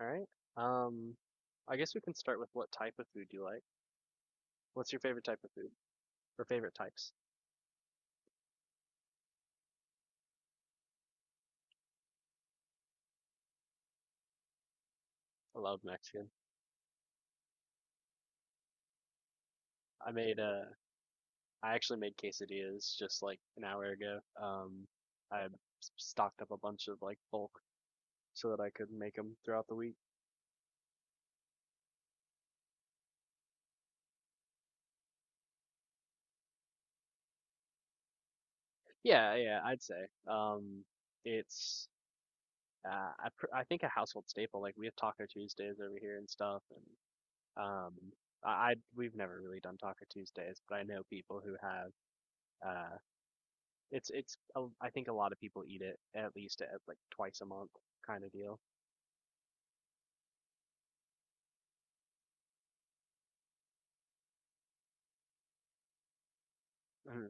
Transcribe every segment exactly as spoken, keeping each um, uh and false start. All right. Um, I guess we can start with what type of food you like. What's your favorite type of food or favorite types? I love Mexican. I made uh I actually made quesadillas just like an hour ago. Um, I s- stocked up a bunch of like bulk so that I could make them throughout the week. Yeah, yeah, I'd say. Um, it's uh, I pr I think a household staple. Like we have Taco Tuesdays over here and stuff, and um, I, I we've never really done Taco Tuesdays, but I know people who have. uh. It's it's a- I think a lot of people eat it at least at like twice a month kind of deal. Mhm.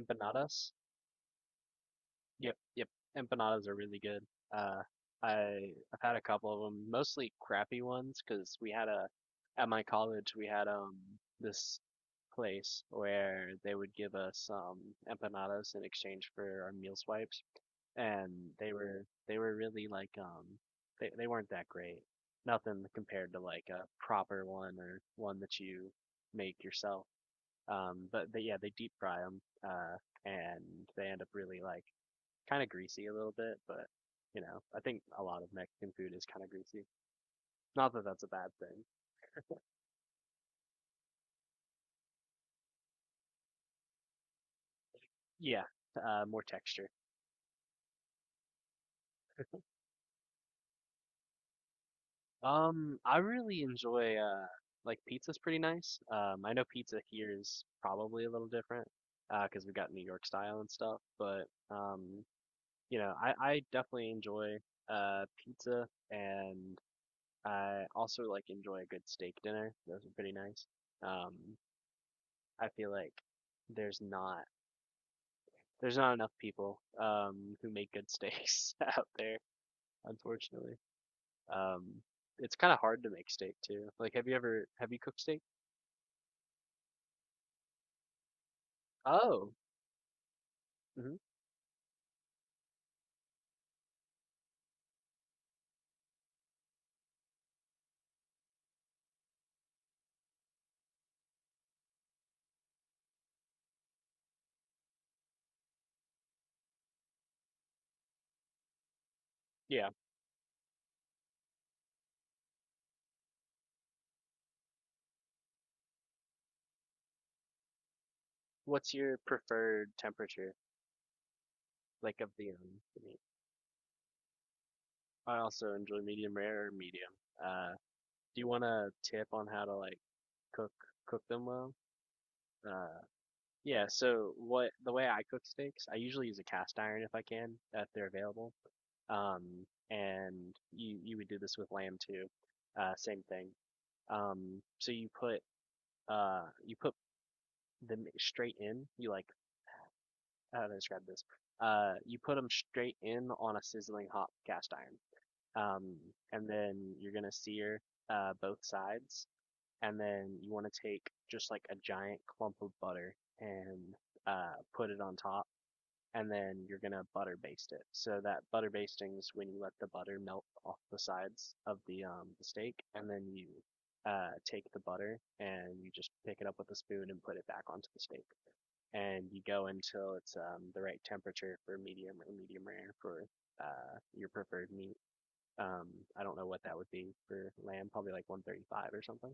Empanadas? Yep, yep. Empanadas are really good. Uh, I I've had a couple of them, mostly crappy ones, because we had a at my college we had um this place where they would give us um empanadas in exchange for our meal swipes, and they were they were really like um they they weren't that great. Nothing compared to like a proper one or one that you make yourself. Um, but they, yeah, they deep fry them, uh, and they end up really like kind of greasy a little bit, but you know, I think a lot of Mexican food is kind of greasy. Not that that's a bad thing. Yeah, uh, more texture. Um, I really enjoy uh like pizza's pretty nice. Um, I know pizza here is probably a little different uh because we got New York style and stuff, but um, you know, I I definitely enjoy uh pizza and I also like enjoy a good steak dinner. Those are pretty nice. Um, I feel like there's not there's not enough people um, who make good steaks out there, unfortunately. Um, it's kind of hard to make steak too. Like, have you ever have you cooked steak? Oh, hmm yeah. What's your preferred temperature, like of the um, the meat? I also enjoy medium rare or medium. Uh, do you want a tip on how to like cook cook them well? Uh, yeah. So what the way I cook steaks, I usually use a cast iron if I can, if they're available. um, and you you would do this with lamb too. Uh, same thing. Um, so you put uh, you put them straight in. You like how do I describe this? Uh, you put them straight in on a sizzling hot cast iron. Um, and then you're gonna sear uh, both sides, and then you want to take just like a giant clump of butter and uh, put it on top and then you're gonna butter baste it. So that butter basting is when you let the butter melt off the sides of the um the steak, and then you uh take the butter and you just pick it up with a spoon and put it back onto the steak, and you go until it's um the right temperature for medium or medium rare for uh your preferred meat. Um, I don't know what that would be for lamb, probably like one thirty-five or something,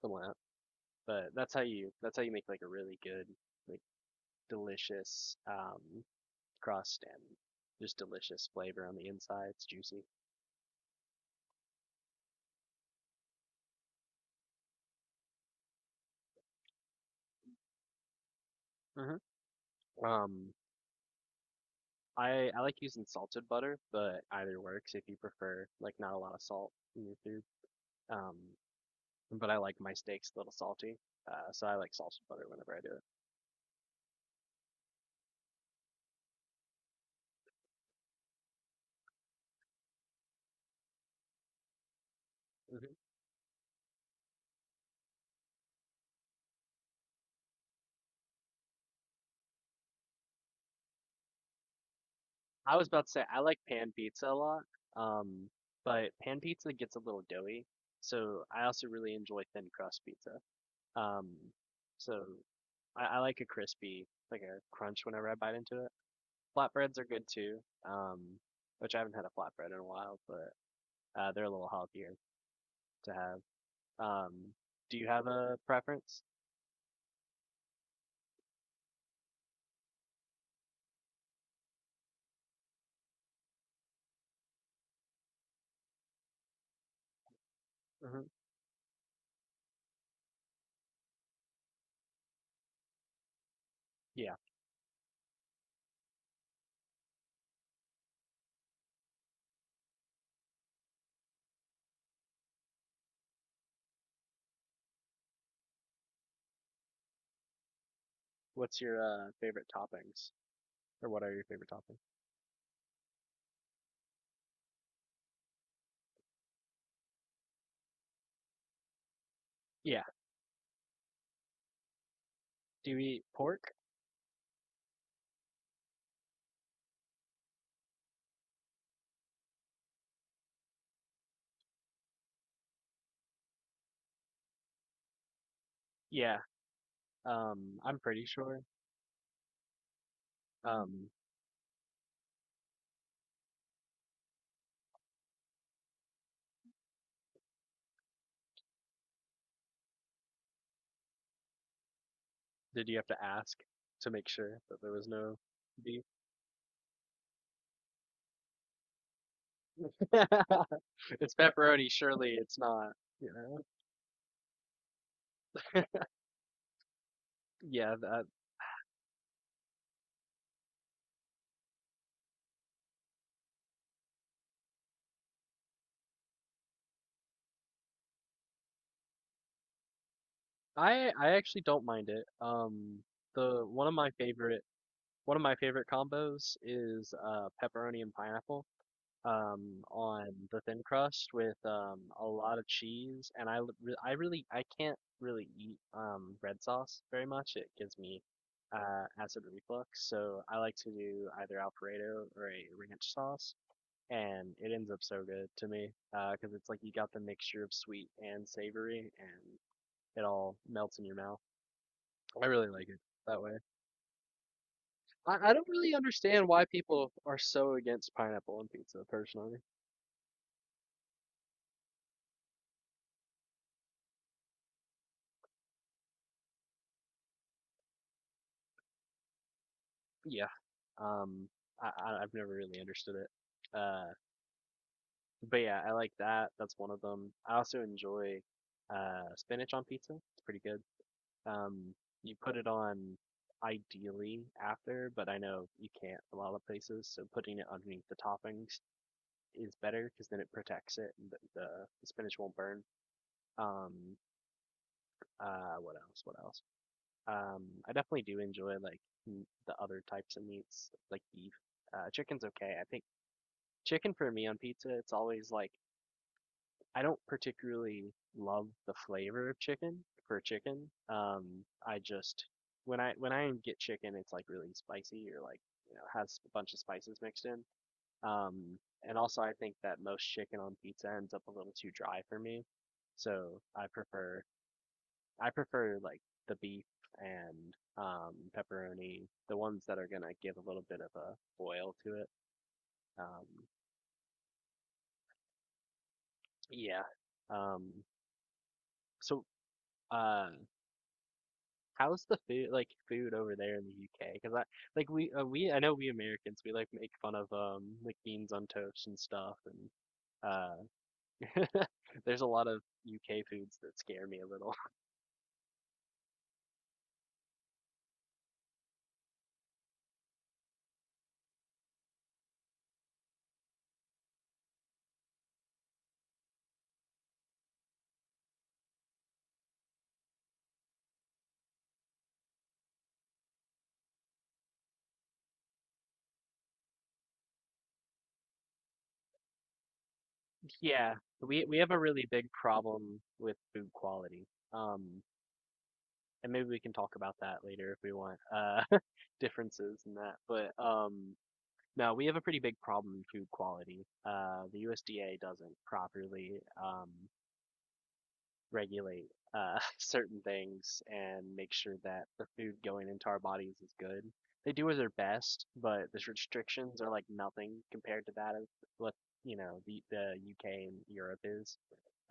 something like that. But that's how you that's how you make like a really good, like delicious um crust and just delicious flavor on the inside. It's juicy. Mhm. Um, I I like using salted butter, but either works if you prefer like not a lot of salt in your food. Um, but I like my steaks a little salty, uh, so I like salted butter whenever I do it. Mm-hmm. I was about to say I like pan pizza a lot, um, but pan pizza gets a little doughy, so I also really enjoy thin crust pizza. Um, so I, I like a crispy, like a crunch whenever I bite into it. Flatbreads are good too, um, which I haven't had a flatbread in a while, but uh, they're a little healthier to have. Um, do you have a preference? Hmm. Yeah. What's your uh, favorite toppings, or what are your favorite toppings? Yeah. Do you eat pork? Yeah. Um, I'm pretty sure. Um, did you have to ask to make sure that there was no beef? It's pepperoni, surely it's not, you know? Yeah, that I I actually don't mind it. Um, the one of my favorite One of my favorite combos is uh, pepperoni and pineapple um, on the thin crust with um, a lot of cheese. And I, l- re- I really, I can't really eat um, red sauce very much. It gives me uh, acid reflux. So I like to do either Alfredo or a ranch sauce. And it ends up so good to me because it's like you got the mixture of sweet and savory and it all melts in your mouth. I really like it that way. I, I don't really understand why people are so against pineapple on pizza, personally. Yeah. Um, I, I I've never really understood it. Uh, but yeah, I like that. That's one of them. I also enjoy uh spinach on pizza. It's pretty good. Um, you put it on ideally after, but I know you can't a lot of places, so putting it underneath the toppings is better because then it protects it and the, the, the spinach won't burn. Um, uh, what else? What else? Um, I definitely do enjoy like m- the other types of meats, like beef. Uh, chicken's okay. I think chicken for me on pizza, it's always like I don't particularly love the flavor of chicken for chicken. Um, I just when I when I get chicken, it's like really spicy or like you know has a bunch of spices mixed in. Um, and also I think that most chicken on pizza ends up a little too dry for me, so I prefer I prefer like the beef and um, pepperoni, the ones that are gonna give a little bit of a boil to it. Um, yeah. Um, so, uh, how's the food like food over there in the U K? Because I like we uh, we I know we Americans we like make fun of um like beans on toast and stuff and uh there's a lot of U K foods that scare me a little. Yeah, we we have a really big problem with food quality. Um, and maybe we can talk about that later if we want uh differences in that but um no we have a pretty big problem in food quality uh the U S D A doesn't properly um regulate uh certain things and make sure that the food going into our bodies is good. They do their best but the restrictions are like nothing compared to that of what you know the the U K and Europe is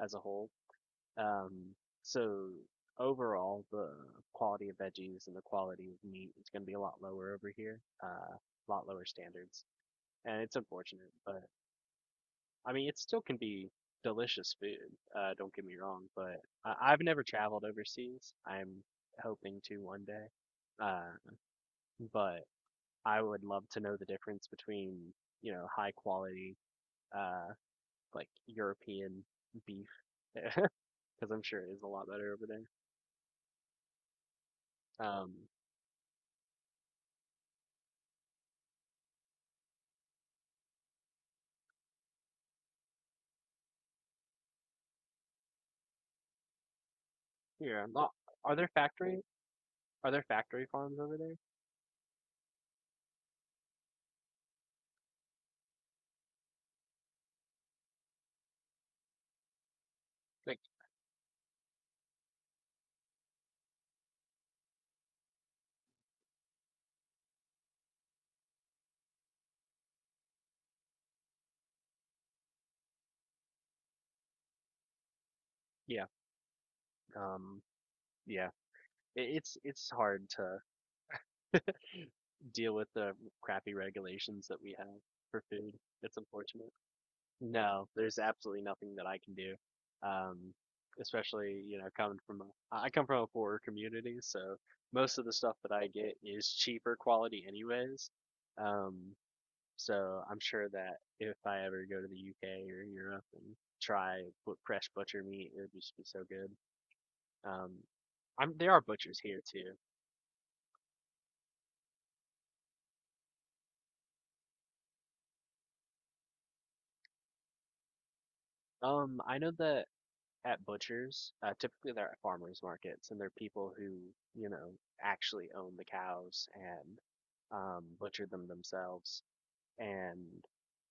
as a whole. um, so overall, the quality of veggies and the quality of meat is going to be a lot lower over here, uh, a lot lower standards, and it's unfortunate. But I mean, it still can be delicious food. Uh, don't get me wrong, but I- I've never traveled overseas. I'm hoping to one day. Uh, but I would love to know the difference between, you know, high quality, uh, like European beef, because I'm sure it is a lot better over there. Um, Yeah. lo- Are there factory are there factory farms over there? Like yeah. Um yeah. It, it's it's hard to deal with the crappy regulations that we have for food. It's unfortunate. No, there's absolutely nothing that I can do. Um, especially, you know, coming from a, I come from a poorer community, so most of the stuff that I get is cheaper quality anyways. Um, So I'm sure that if I ever go to the U K or Europe and try bu- fresh butcher meat, it would just be so good. Um, I'm there are butchers here too. Um, I know that at butchers, uh, typically they're at farmers markets, and they're people who, you know, actually own the cows and um, butcher them themselves. And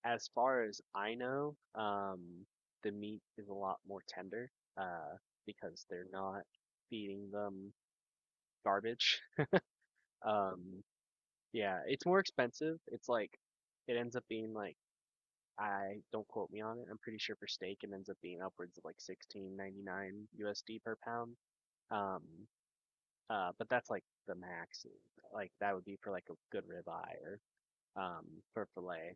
as far as I know, um, the meat is a lot more tender, uh, because they're not feeding them garbage. Um, yeah, it's more expensive. It's like it ends up being like I don't quote me on it. I'm pretty sure for steak it ends up being upwards of like sixteen ninety-nine U S D per pound. Um, uh, but that's like the max. Like that would be for like a good ribeye or um for fillet.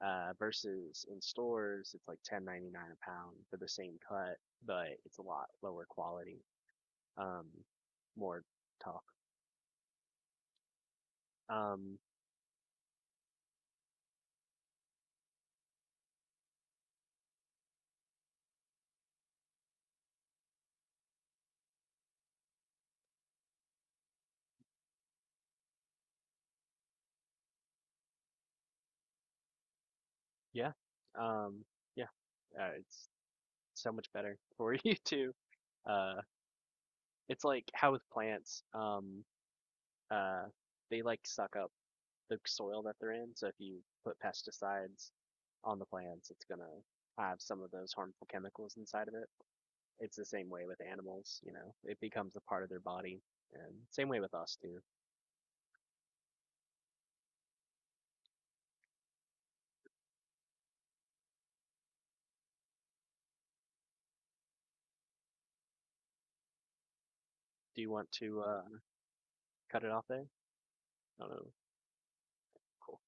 Uh, versus in stores it's like ten ninety-nine a pound for the same cut, but it's a lot lower quality. Um, more talk. Um, yeah. Um, yeah uh, it's so much better for you too. Uh, it's like how with plants, um, uh, they like suck up the soil that they're in. So if you put pesticides on the plants, it's gonna have some of those harmful chemicals inside of it. It's the same way with animals. You know, it becomes a part of their body, and same way with us too. Do you want to uh, cut it off there? I don't know. Cool.